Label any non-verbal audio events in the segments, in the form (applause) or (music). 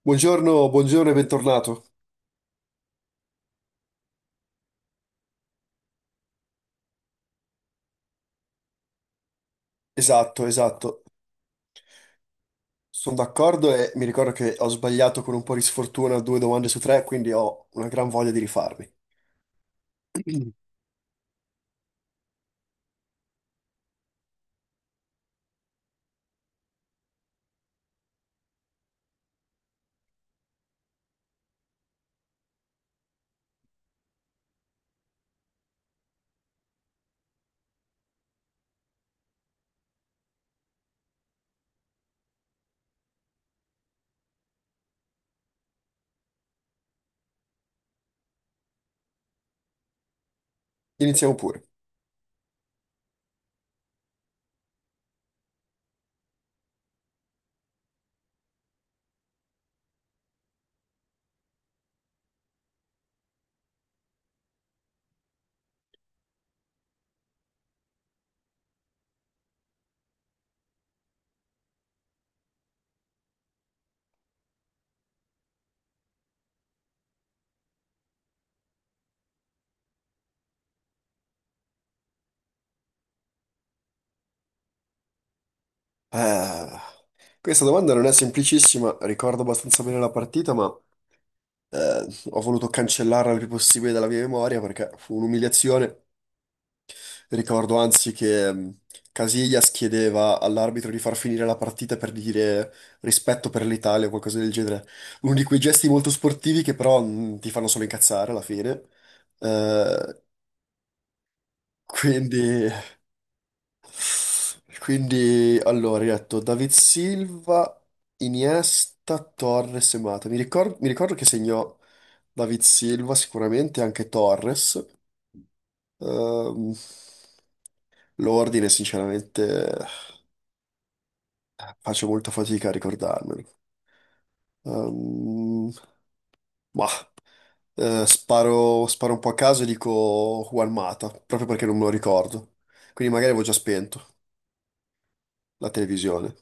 Buongiorno, buongiorno e bentornato. Esatto, esatto. Sono d'accordo e mi ricordo che ho sbagliato con un po' di sfortuna due domande su tre, quindi ho una gran voglia di rifarmi. (clears throat) Iniziamo pure. Ah, questa domanda non è semplicissima, ricordo abbastanza bene la partita, ma eh, ho voluto cancellarla il più possibile dalla mia memoria perché fu un'umiliazione. Ricordo anzi che Casillas chiedeva all'arbitro di far finire la partita per dire rispetto per l'Italia o qualcosa del genere. Uno di quei gesti molto sportivi che però ti fanno solo incazzare alla fine. Eh, quindi, allora, hai detto David Silva, Iniesta, Torres e Mata. Mi ricordo che segnò David Silva sicuramente, anche Torres. Ehm, l'ordine, sinceramente. Faccio molta fatica a ricordarmelo. Ehm, ma sparo, sparo un po' a caso e dico Juan Mata, proprio perché non me lo ricordo. Quindi magari avevo già spento la televisione.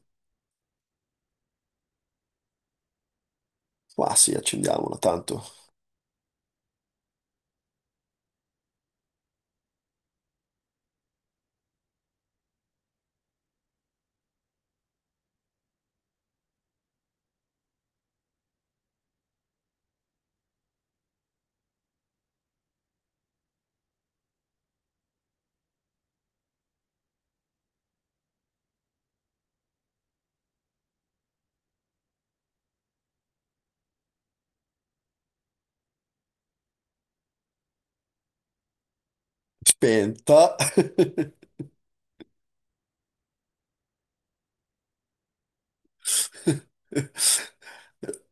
Ma sì, accendiamola, tanto. Spenta. (laughs)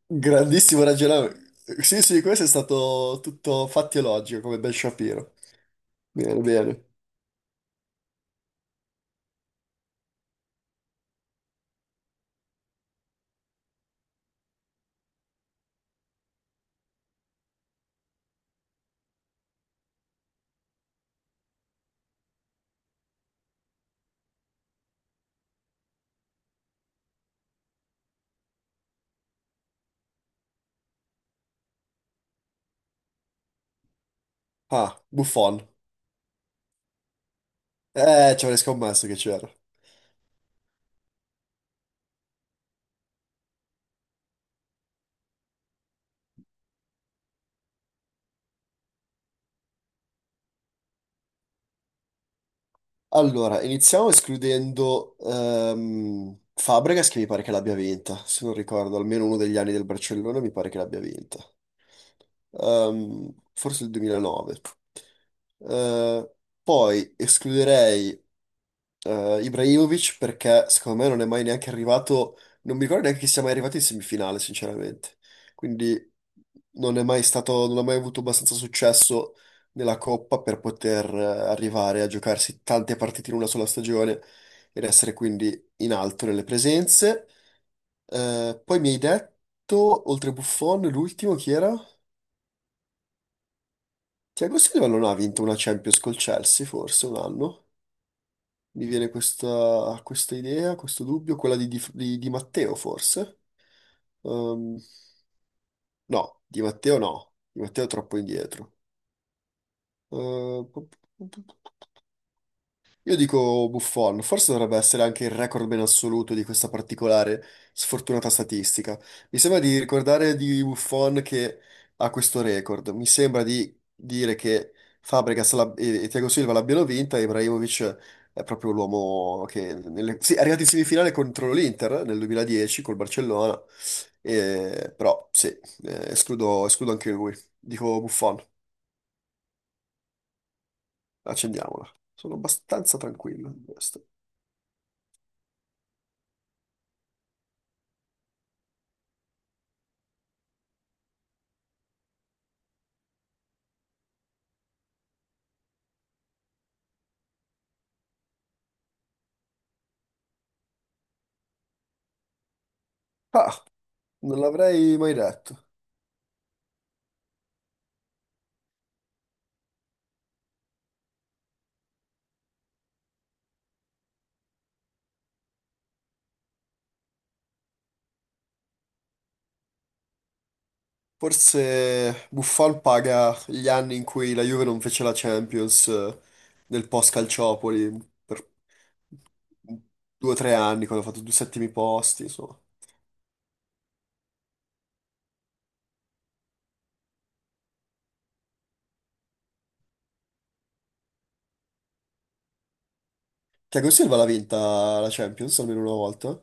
Grandissimo ragionamento. Sì, sì, questo è stato tutto fatti e logico, come Ben Shapiro. Bene, bene. Ah, Buffon. Ci avrei scommesso che c'era. Allora, iniziamo escludendo Fabregas, che mi pare che l'abbia vinta, se non ricordo, almeno uno degli anni del Barcellona mi pare che l'abbia vinta. Forse il 2009. Eh, Poi escluderei Ibrahimovic perché secondo me non è mai neanche arrivato, non mi ricordo neanche che sia mai arrivato in semifinale, sinceramente. Quindi non è mai stato, non ha mai avuto abbastanza successo nella Coppa per poter arrivare a giocarsi tante partite in una sola stagione ed essere quindi in alto nelle presenze. Poi mi hai detto, oltre Buffon, l'ultimo chi era? Thiago Silva non ha vinto una Champions col Chelsea, forse un anno. Mi viene questa, questa idea, questo dubbio, quella di, Di Matteo forse? Ehm, no, Di Matteo no, Di Matteo è troppo indietro. Ehm, Io dico Buffon, forse dovrebbe essere anche il recordman assoluto di questa particolare sfortunata statistica. Mi sembra di ricordare di Buffon che ha questo record. Mi sembra di dire che Fabregas e Thiago Silva l'abbiano vinta, e Ibrahimovic è proprio l'uomo sì, è arrivato in semifinale contro l'Inter nel 2010 col Barcellona, però sì, escludo, escludo anche lui. Dico Buffon, accendiamola. Sono abbastanza tranquillo in questo. Ah. Non l'avrei mai detto. Forse Buffon paga gli anni in cui la Juve non fece la Champions nel post-Calciopoli per 2 o 3 anni, quando ha fatto due settimi posti, insomma. Thiago Silva l'ha vinta la Champions almeno una volta?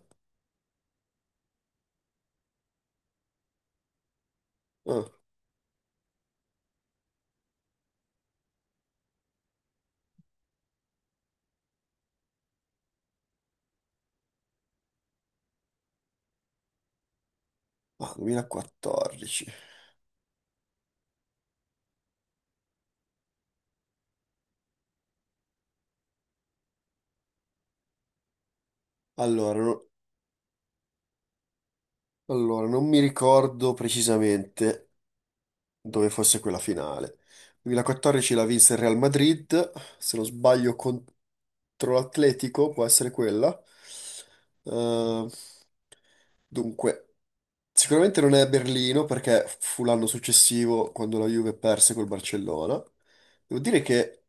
Ah, 2014. Allora, allora, non mi ricordo precisamente dove fosse quella finale. 2014 la vinse il Real Madrid, se non sbaglio contro l'Atletico, può essere quella. Eh, Dunque, sicuramente non è Berlino perché fu l'anno successivo quando la Juve perse col Barcellona. Devo dire che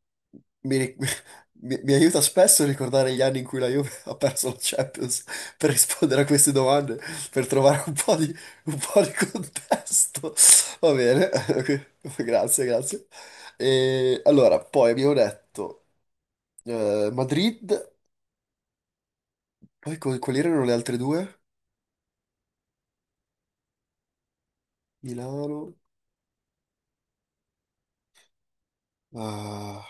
mi, ri- (laughs) mi aiuta spesso a ricordare gli anni in cui la Juve (laughs) ha perso la Champions per rispondere a queste domande, per trovare un po' di contesto. Va bene, (laughs) grazie, grazie. E, allora, poi abbiamo detto Madrid, poi quali erano le altre due? Milano. Ah,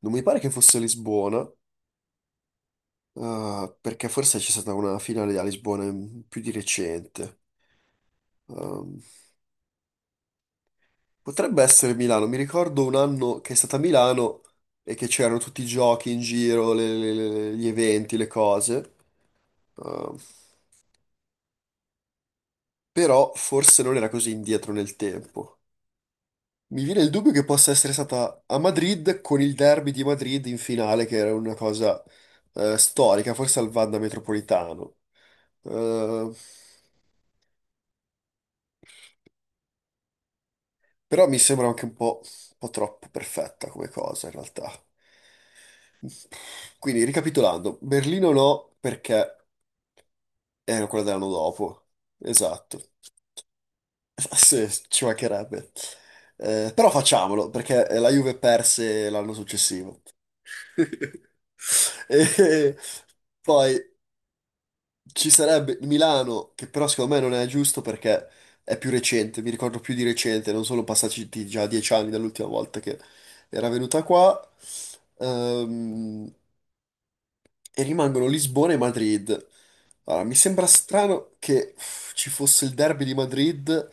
non mi pare che fosse Lisbona, ah, perché forse c'è stata una finale a Lisbona più di recente. Ehm, Potrebbe essere Milano, mi ricordo un anno che è stata a Milano e che c'erano tutti i giochi in giro, gli eventi, le cose. Ehm, Però forse non era così indietro nel tempo. Mi viene il dubbio che possa essere stata a Madrid con il derby di Madrid in finale, che era una cosa storica, forse al Wanda Metropolitano. Eh, Però mi sembra anche un po' troppo perfetta come cosa, in realtà. Quindi, ricapitolando, Berlino no, perché era quella dell'anno dopo. Esatto. (laughs) Sì, ci mancherebbe. Però facciamolo, perché la Juve perse l'anno successivo. (laughs) E poi ci sarebbe il Milano, che però secondo me non è giusto perché è più recente, mi ricordo più di recente, non sono passati già 10 anni dall'ultima volta che era venuta qua. Ehm, e rimangono Lisbona e Madrid. Allora, mi sembra strano che uff, ci fosse il derby di Madrid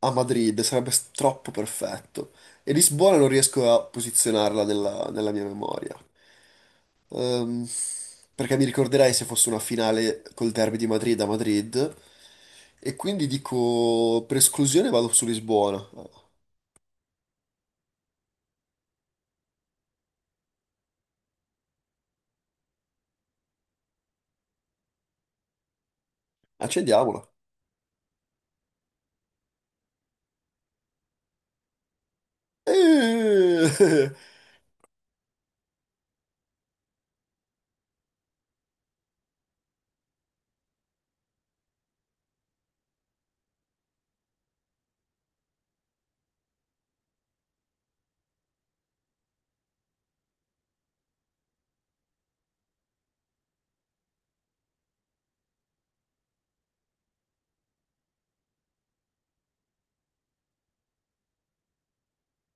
a Madrid, sarebbe troppo perfetto. E Lisbona non riesco a posizionarla nella, nella mia memoria. Ehm, Perché mi ricorderei se fosse una finale col derby di Madrid a Madrid. E quindi dico, per esclusione vado su Lisbona. Accendiamola. Eh, (laughs)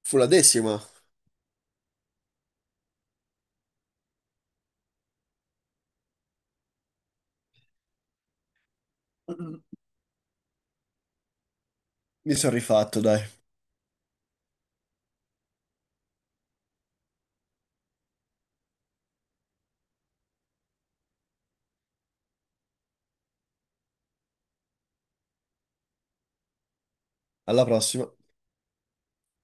fu la decima. Mi sono rifatto, dai. Alla prossima.